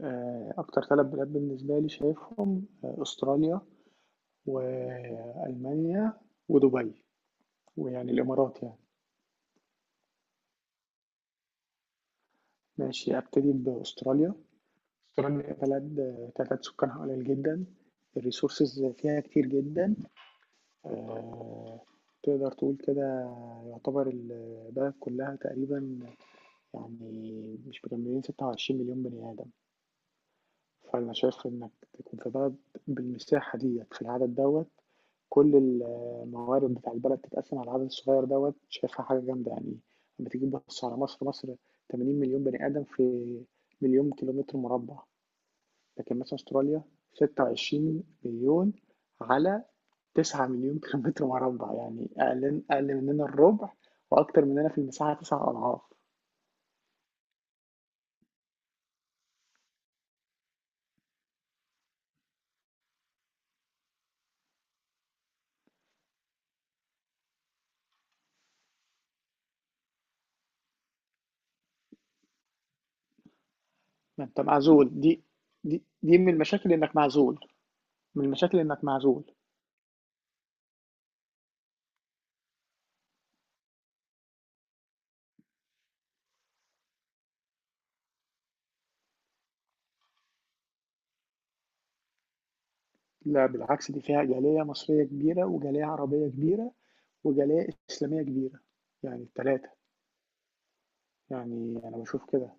أكتر ثلاث بلاد بالنسبة لي شايفهم، أستراليا وألمانيا ودبي، ويعني الإمارات يعني. ماشي، أبتدي بأستراليا. أستراليا بلد، تعداد سكانها قليل جدا، الريسورسز فيها كتير جدا، آه، تقدر تقول كده. يعتبر البلد كلها تقريبا يعني مش مكملين 26 مليون بني آدم. فأنا شايف إنك تكون في بلد بالمساحة ديّة، في العدد دوّة، كل الموارد بتاع البلد تتقسّم على العدد الصغيّر دوّة، شايفها حاجة جامدة يعني. لمّا تيجي تبُص على مصر، مصر 80,000,000 بني آدم في مليون كيلومتر مربع، لكن مثلًا أستراليا 26,000,000 على 9,000,000 كيلومتر مربع، يعني أقل أقل مننا الربع، وأكتر مننا في المساحة 9 أضعاف. ما أنت معزول، دي من المشاكل إنك معزول. من المشاكل إنك معزول. لا بالعكس، دي فيها جالية مصرية كبيرة وجالية عربية كبيرة وجالية إسلامية كبيرة، يعني التلاتة. يعني أنا بشوف كده.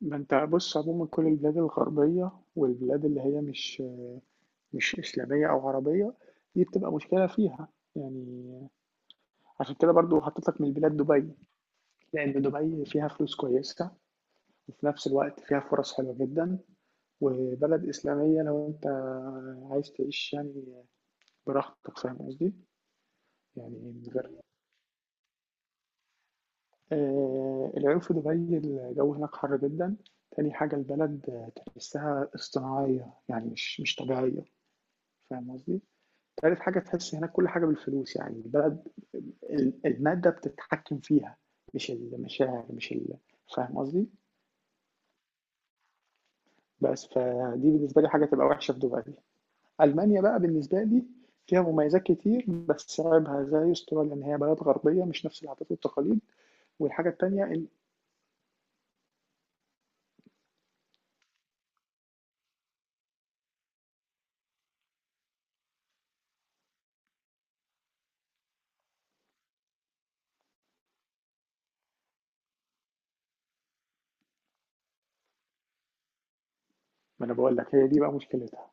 ما أنت بص، عموما كل البلاد الغربية والبلاد اللي هي مش إسلامية أو عربية، دي بتبقى مشكلة فيها يعني. عشان كده برضو حطيت لك من البلاد دبي، لأن دبي فيها فلوس كويسة، وفي نفس الوقت فيها فرص حلوة جدا، وبلد إسلامية لو أنت عايز تعيش يعني براحتك. فاهم قصدي؟ يعني من غير، العيوب في دبي، الجو هناك حر جدا. تاني حاجة البلد، تحسها اصطناعية يعني مش طبيعية. فاهم قصدي؟ تالت حاجة تحس هناك كل حاجة بالفلوس، يعني البلد المادة بتتحكم فيها، مش المشاعر، مش فاهم قصدي؟ بس فدي بالنسبة لي حاجة تبقى وحشة في دبي. ألمانيا بقى بالنسبة لي فيها مميزات كتير، بس عيبها زي استراليا إن هي بلد غربية، مش نفس العادات والتقاليد. والحاجة التانية إن، ما أنا بقول لك، هي دي بقى مشكلتها،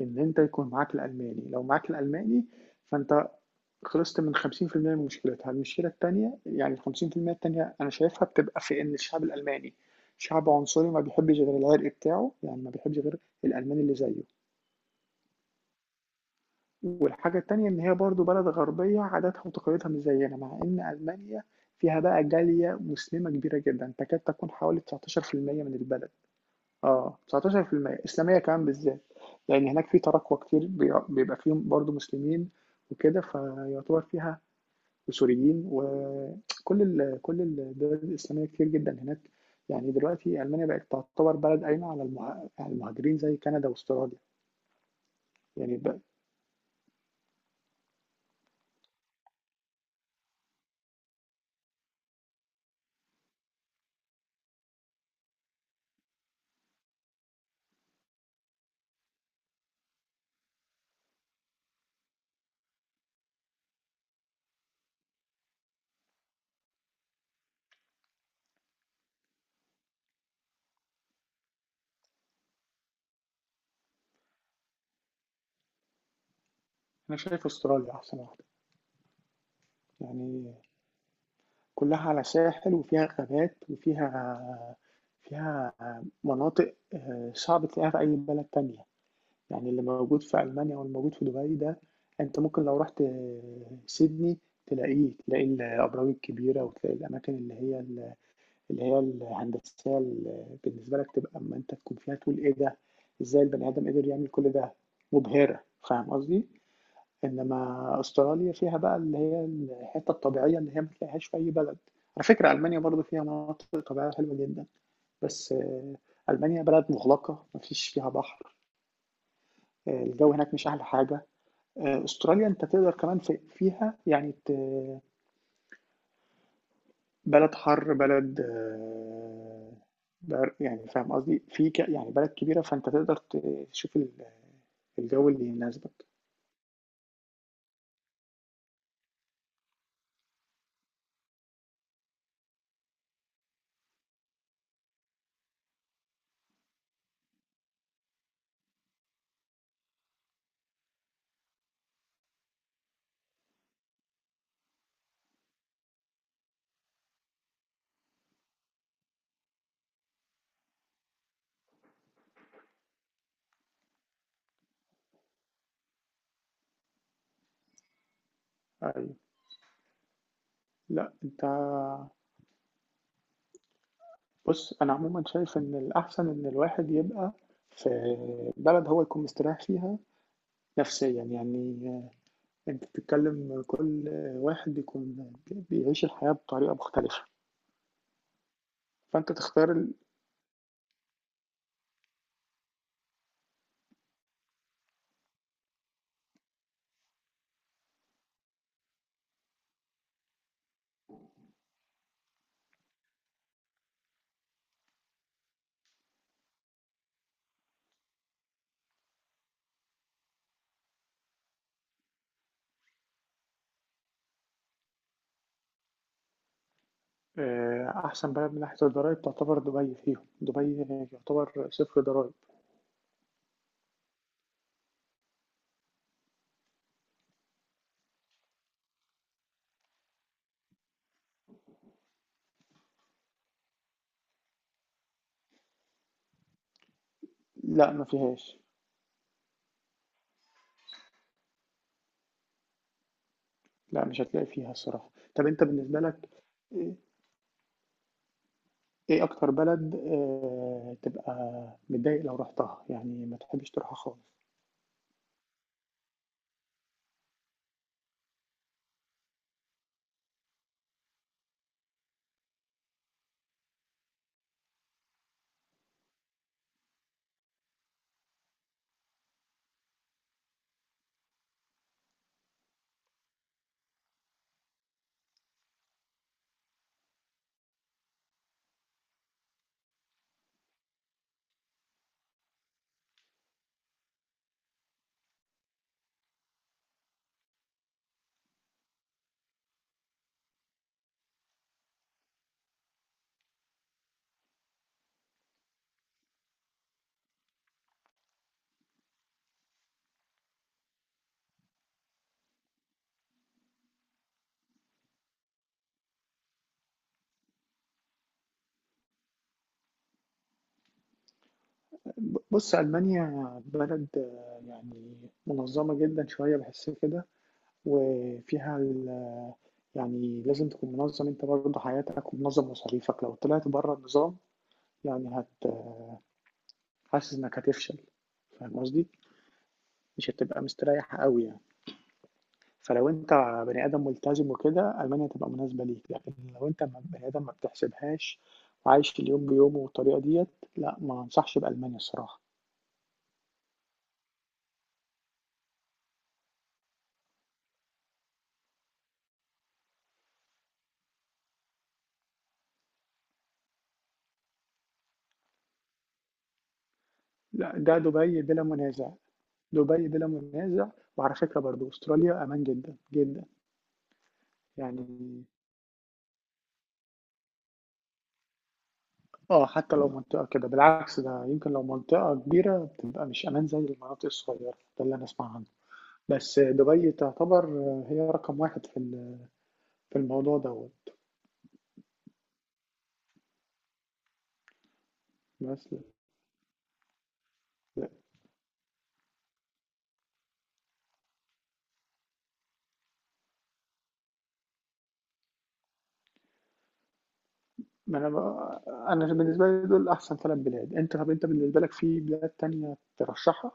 إن أنت يكون معاك الألماني. لو معاك الألماني فأنت خلصت من 50% من مشكلتها. المشكلة التانية، يعني ال 50% التانية، أنا شايفها بتبقى في إن الشعب الألماني شعب عنصري، ما بيحبش غير العرق بتاعه، يعني ما بيحبش غير الألماني اللي زيه. والحاجة التانية إن هي برضو بلد غربية، عاداتها وتقاليدها مش زينا، مع إن ألمانيا فيها بقى جالية مسلمة كبيرة جدا، تكاد تكون حوالي 19% من البلد. 19% إسلامية كمان بالذات، لأن هناك في تراكوة كتير بيبقى فيهم برضه مسلمين وكده، فيعتبر فيها وسوريين، وكل كل الدول الإسلامية كتير جدا هناك. يعني دلوقتي ألمانيا بقت تعتبر بلد قايمة على المهاجرين زي كندا واستراليا، يعني بقى. أنا شايف استراليا أحسن واحدة، يعني كلها على ساحل، وفيها غابات، وفيها فيها مناطق، صعب تلاقيها في أي بلد تانية. يعني اللي موجود في ألمانيا واللي موجود في دبي ده، أنت ممكن لو رحت سيدني تلاقي الأبراج الكبيرة، وتلاقي الأماكن اللي هي، الهندسية، اللي بالنسبة لك تبقى أما أنت تكون فيها تقول: إيه ده؟ إزاي البني آدم قدر يعمل كل ده؟ مبهرة. فاهم قصدي؟ إنما أستراليا فيها بقى اللي هي الحتة الطبيعية اللي هي ما تلاقيهاش في أي بلد. على فكرة ألمانيا برضو فيها مناطق طبيعية حلوة جدا، بس ألمانيا بلد مغلقة، مفيش فيها بحر. الجو هناك مش أحلى حاجة. استراليا انت تقدر كمان في فيها يعني بلد حر، بلد يعني فاهم قصدي، في يعني بلد كبيرة، فانت تقدر تشوف الجو اللي يناسبك. ايوه. لا انت بص، انا عموما شايف ان الاحسن ان الواحد يبقى في بلد هو يكون مستريح فيها نفسيا، يعني انت بتتكلم، كل واحد يكون بيعيش الحياة بطريقة مختلفة، فانت تختار. أحسن بلد من ناحية الضرايب تعتبر دبي. فيهم دبي يعتبر صفر ضرايب. لا ما فيهاش. لا مش هتلاقي فيها الصراحة. طب أنت بالنسبة لك إيه إيه أكتر بلد تبقى متضايق لو رحتها، يعني ما تحبش تروحها خالص؟ بص ألمانيا بلد، يعني منظمة جدا شوية، بحس كده، وفيها يعني لازم تكون منظم أنت برضه حياتك ومنظم مصاريفك، لو طلعت بره النظام يعني حاسس إنك هتفشل. فاهم قصدي؟ مش هتبقى مستريّح أوي يعني. فلو أنت بني آدم ملتزم وكده، ألمانيا هتبقى مناسبة ليك، لكن لو أنت بني آدم ما بتحسبهاش، وعايش في اليوم بيومه والطريقة ديّة، لأ ما أنصحش بألمانيا الصراحة. لأ، ده دبي بلا منازع. دبي بلا منازع. وعلى فكرة برضه أستراليا أمان جدًا، جدًا، يعني. حتى لو منطقة كده، بالعكس، ده يمكن لو منطقة كبيرة بتبقى مش أمان زي المناطق الصغيّرة، ده اللي أنا أسمع عنه. بس دبي تعتبر هي رقم 1 في في الموضوع دوّة. بس. لأ. ما أنا بقى، أنا بالنسبة لي دول أحسن 3 بلاد. طَب أنت بالنسبة لك في بلاد تانية ترشّحها؟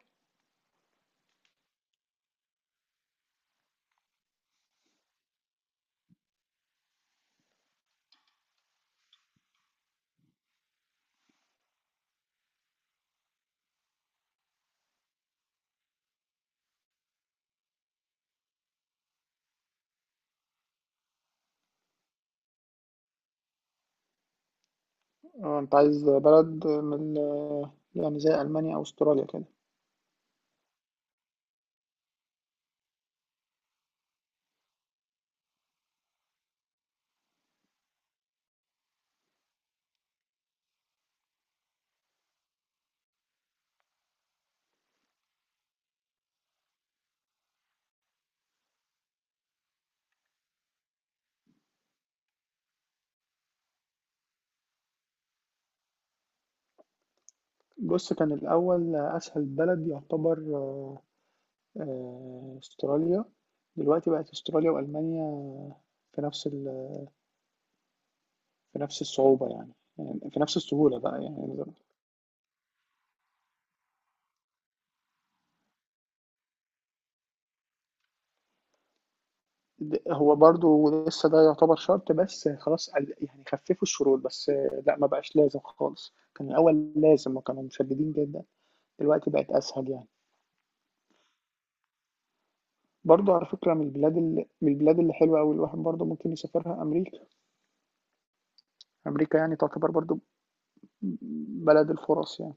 أنت عايز بلد من يعني زي ألمانيا أو أستراليا كده. بُص، كان الأول أسهل بلد يعتبر أستراليا. دلوقتي بقت أستراليا وألمانيا في نفس ال في نفس الصعوبة يعني، يعني في نفس السهولة بقى يعني. هو برضه لسه ده يعتبر شرط، بس خلاص، قل يعني خفّفوا الشروط، بس لأ، ما بقاش لازم خالص. كان الأول لازم وكانوا مشدّدين جدًا، دلوقتي بقت أسهل يعني. برضه على فكرة من البلاد اللي حلوة أوي، الواحد برضه ممكن يسافرها أمريكا. أمريكا يعني تعتبر برضه بلد الفُرَص يعني.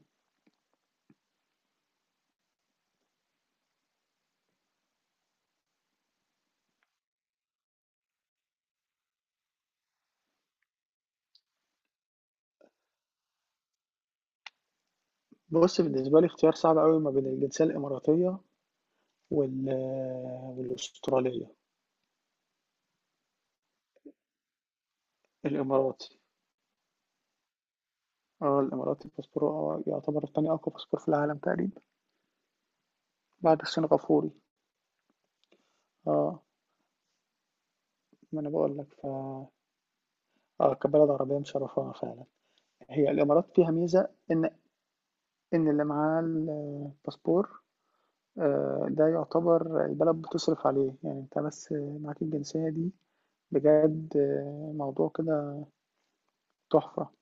بُص بالنسبة لي اختيار صعب أوي ما بين الجنسية الإماراتية وال والأسترالية. الإماراتي الإماراتي باسبوره يعتبر تاني أقوى باسبور في العالم تقريبًا بعد السنغافوري. آه. ما أنا باقول لك كبلد عربية مشرّفانا فعلًا. هي الإمارات فيها ميزة إن اللي معاه الباسبور، ده يعتبر البلد بتصرف عليه، يعني أنت بس معاك الجنسية دي بجد، موضوع كده تحفة.